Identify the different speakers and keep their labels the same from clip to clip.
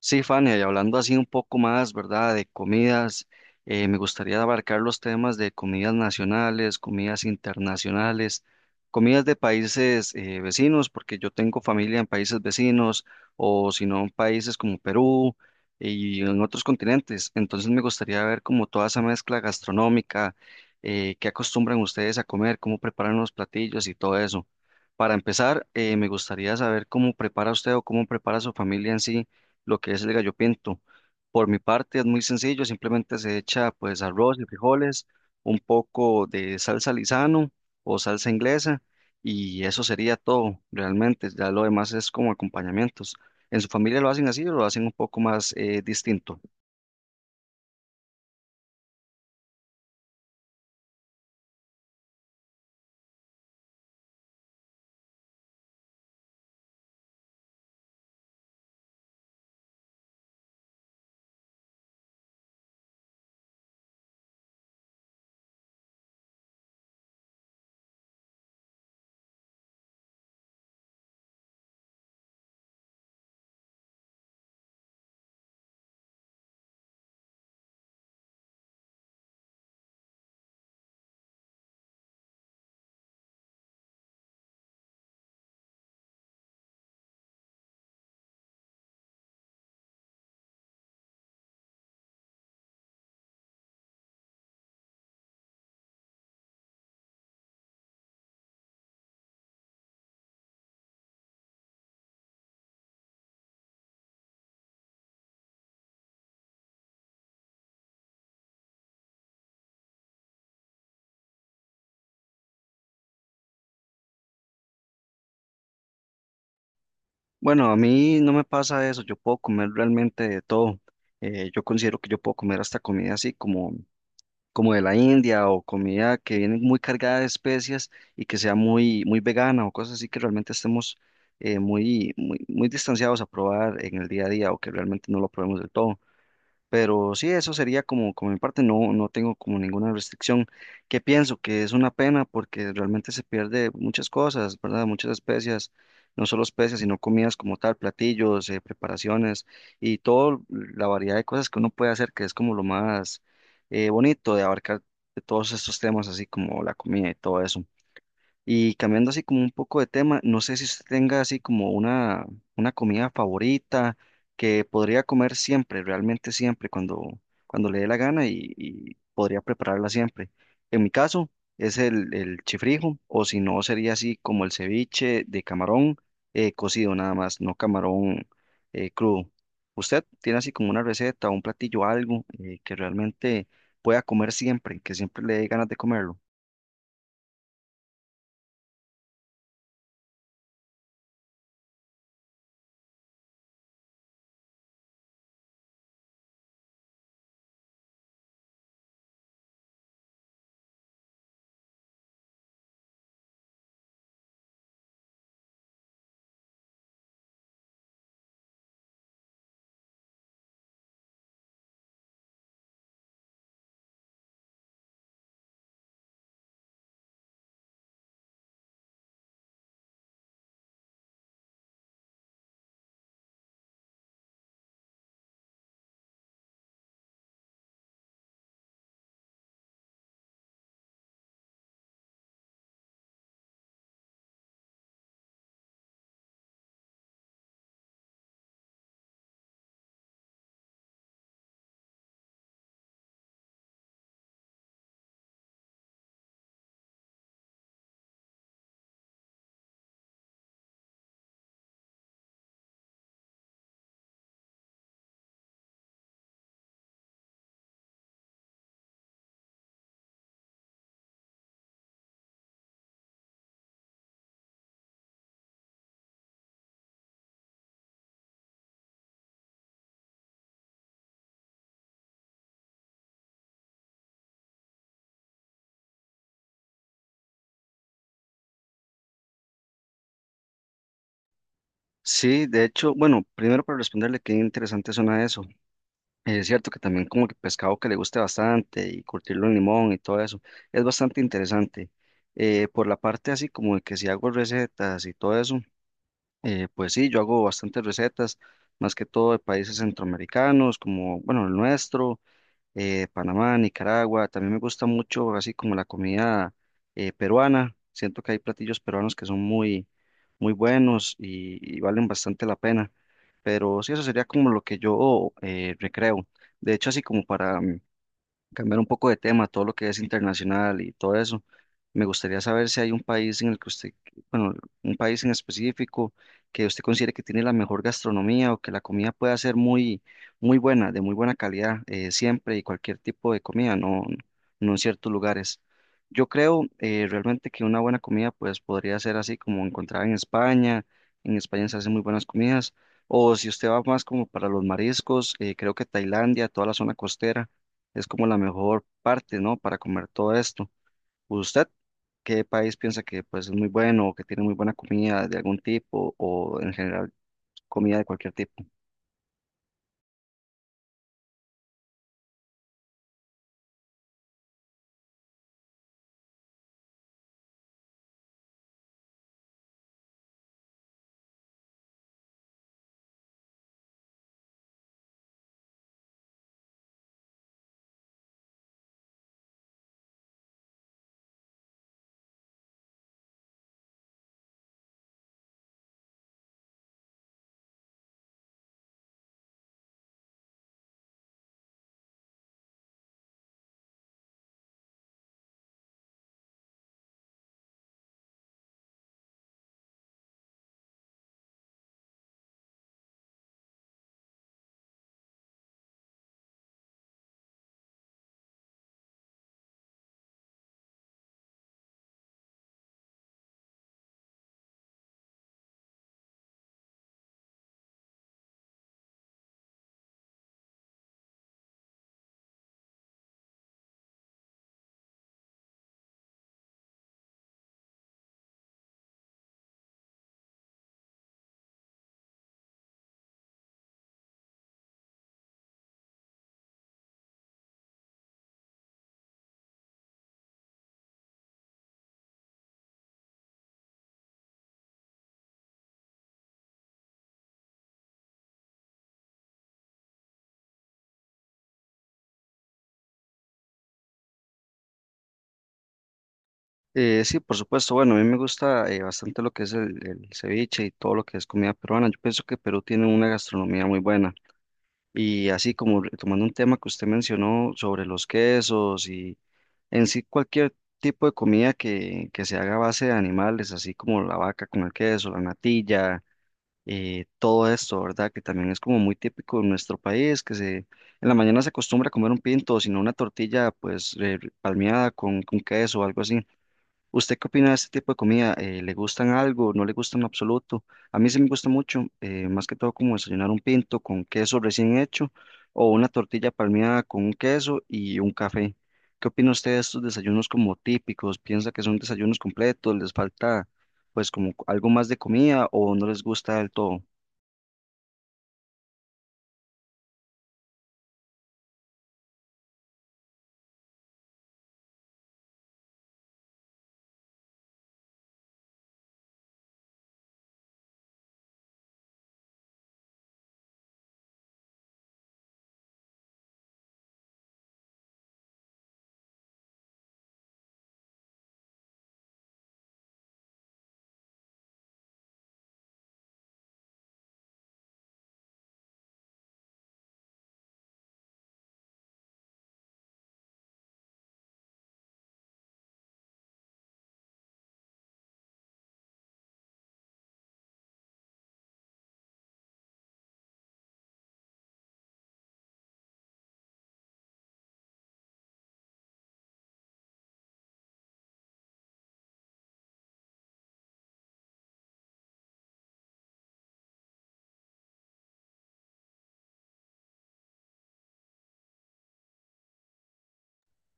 Speaker 1: Sí, Fania, y hablando así un poco más, ¿verdad? De comidas, me gustaría abarcar los temas de comidas nacionales, comidas internacionales, comidas de países vecinos, porque yo tengo familia en países vecinos o si no en países como Perú y en otros continentes. Entonces me gustaría ver como toda esa mezcla gastronómica, qué acostumbran ustedes a comer, cómo preparan los platillos y todo eso. Para empezar, me gustaría saber cómo prepara usted o cómo prepara su familia en sí lo que es el gallo pinto. Por mi parte es muy sencillo, simplemente se echa pues arroz y frijoles, un poco de salsa Lizano o salsa inglesa y eso sería todo realmente, ya lo demás es como acompañamientos. ¿En su familia lo hacen así o lo hacen un poco más distinto? Bueno, a mí no me pasa eso, yo puedo comer realmente de todo. Yo considero que yo puedo comer hasta comida así como como de la India o comida que viene muy cargada de especias y que sea muy, muy vegana o cosas así que realmente estemos muy, muy, muy distanciados a probar en el día a día o que realmente no lo probemos del todo. Pero sí, eso sería como, como mi parte, no, no tengo como ninguna restricción que pienso que es una pena porque realmente se pierde muchas cosas, ¿verdad? Muchas especies, no solo especies, sino comidas como tal, platillos, preparaciones y toda la variedad de cosas que uno puede hacer, que es como lo más bonito de abarcar de todos estos temas, así como la comida y todo eso. Y cambiando así como un poco de tema, no sé si usted tenga así como una comida favorita que podría comer siempre, realmente siempre, cuando, cuando le dé la gana y podría prepararla siempre. En mi caso es el chifrijo, o si no sería así como el ceviche de camarón cocido nada más, no camarón crudo. ¿Usted tiene así como una receta, un platillo, algo que realmente pueda comer siempre, que siempre le dé ganas de comerlo? Sí, de hecho, bueno, primero para responderle qué interesante suena eso. Es cierto que también como que pescado que le guste bastante y curtirlo en limón y todo eso, es bastante interesante. Por la parte así como de que si hago recetas y todo eso, pues sí, yo hago bastantes recetas, más que todo de países centroamericanos, como, bueno, el nuestro Panamá, Nicaragua. También me gusta mucho así como la comida peruana. Siento que hay platillos peruanos que son muy, muy buenos y valen bastante la pena. Pero sí, eso sería como lo que yo recreo. De hecho, así como para cambiar un poco de tema, todo lo que es internacional y todo eso, me gustaría saber si hay un país en el que usted un país en específico que usted considere que tiene la mejor gastronomía o que la comida pueda ser muy, muy buena, de muy buena calidad, siempre y cualquier tipo de comida, no, no en ciertos lugares. Yo creo realmente que una buena comida pues podría ser así como encontrada en España se hacen muy buenas comidas, o si usted va más como para los mariscos, creo que Tailandia, toda la zona costera, es como la mejor parte, ¿no? Para comer todo esto. ¿Usted qué país piensa que pues es muy bueno o que tiene muy buena comida de algún tipo o en general comida de cualquier tipo? Sí, por supuesto, bueno, a mí me gusta bastante lo que es el ceviche y todo lo que es comida peruana. Yo pienso que Perú tiene una gastronomía muy buena. Y así como retomando un tema que usted mencionó sobre los quesos y en sí cualquier tipo de comida que se haga a base de animales, así como la vaca con el queso, la natilla todo esto, ¿verdad? Que también es como muy típico en nuestro país, que se, en la mañana se acostumbra a comer un pinto, sino una tortilla pues palmeada con queso o algo así. ¿Usted qué opina de este tipo de comida? ¿Le gustan algo? ¿No le gustan en absoluto? A mí sí me gusta mucho, más que todo como desayunar un pinto con queso recién hecho o una tortilla palmeada con un queso y un café. ¿Qué opina usted de estos desayunos como típicos? ¿Piensa que son desayunos completos? ¿Les falta pues como algo más de comida o no les gusta del todo?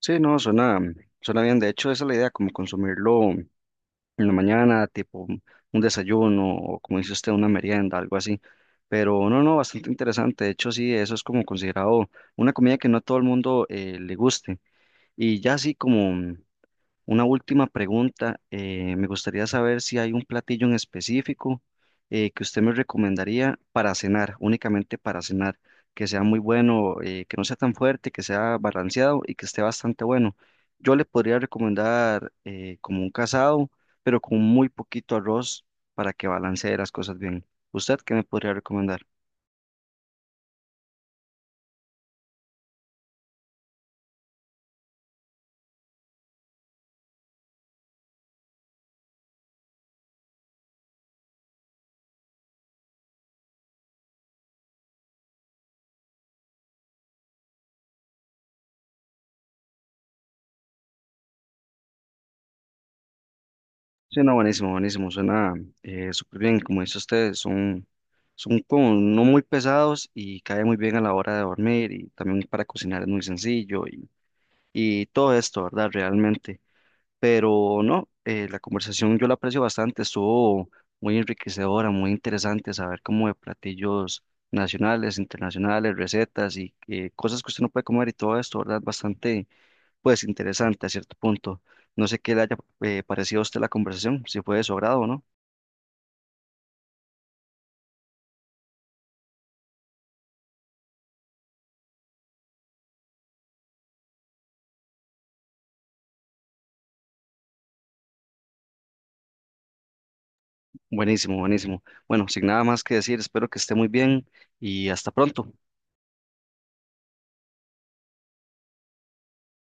Speaker 1: Sí, no, suena, suena bien. De hecho, esa es la idea, como consumirlo en la mañana, tipo un desayuno o como dice usted, una merienda, algo así. Pero no, no, bastante interesante. De hecho, sí, eso es como considerado una comida que no a todo el mundo le guste. Y ya así como, una última pregunta. Me gustaría saber si hay un platillo en específico que usted me recomendaría para cenar, únicamente para cenar, que sea muy bueno, que no sea tan fuerte, que sea balanceado y que esté bastante bueno. Yo le podría recomendar como un casado, pero con muy poquito arroz para que balancee las cosas bien. ¿Usted qué me podría recomendar? Sí, no, buenísimo, buenísimo, suena súper bien, como dice usted, son, son como no muy pesados y cae muy bien a la hora de dormir y también para cocinar es muy sencillo y todo esto, ¿verdad? Realmente, pero no, la conversación yo la aprecio bastante, estuvo muy enriquecedora, muy interesante saber como de platillos nacionales, internacionales, recetas y cosas que usted no puede comer y todo esto, ¿verdad? Bastante pues interesante a cierto punto. No sé qué le haya parecido a usted la conversación, si fue de su agrado o no. Buenísimo, buenísimo. Bueno, sin nada más que decir, espero que esté muy bien y hasta pronto.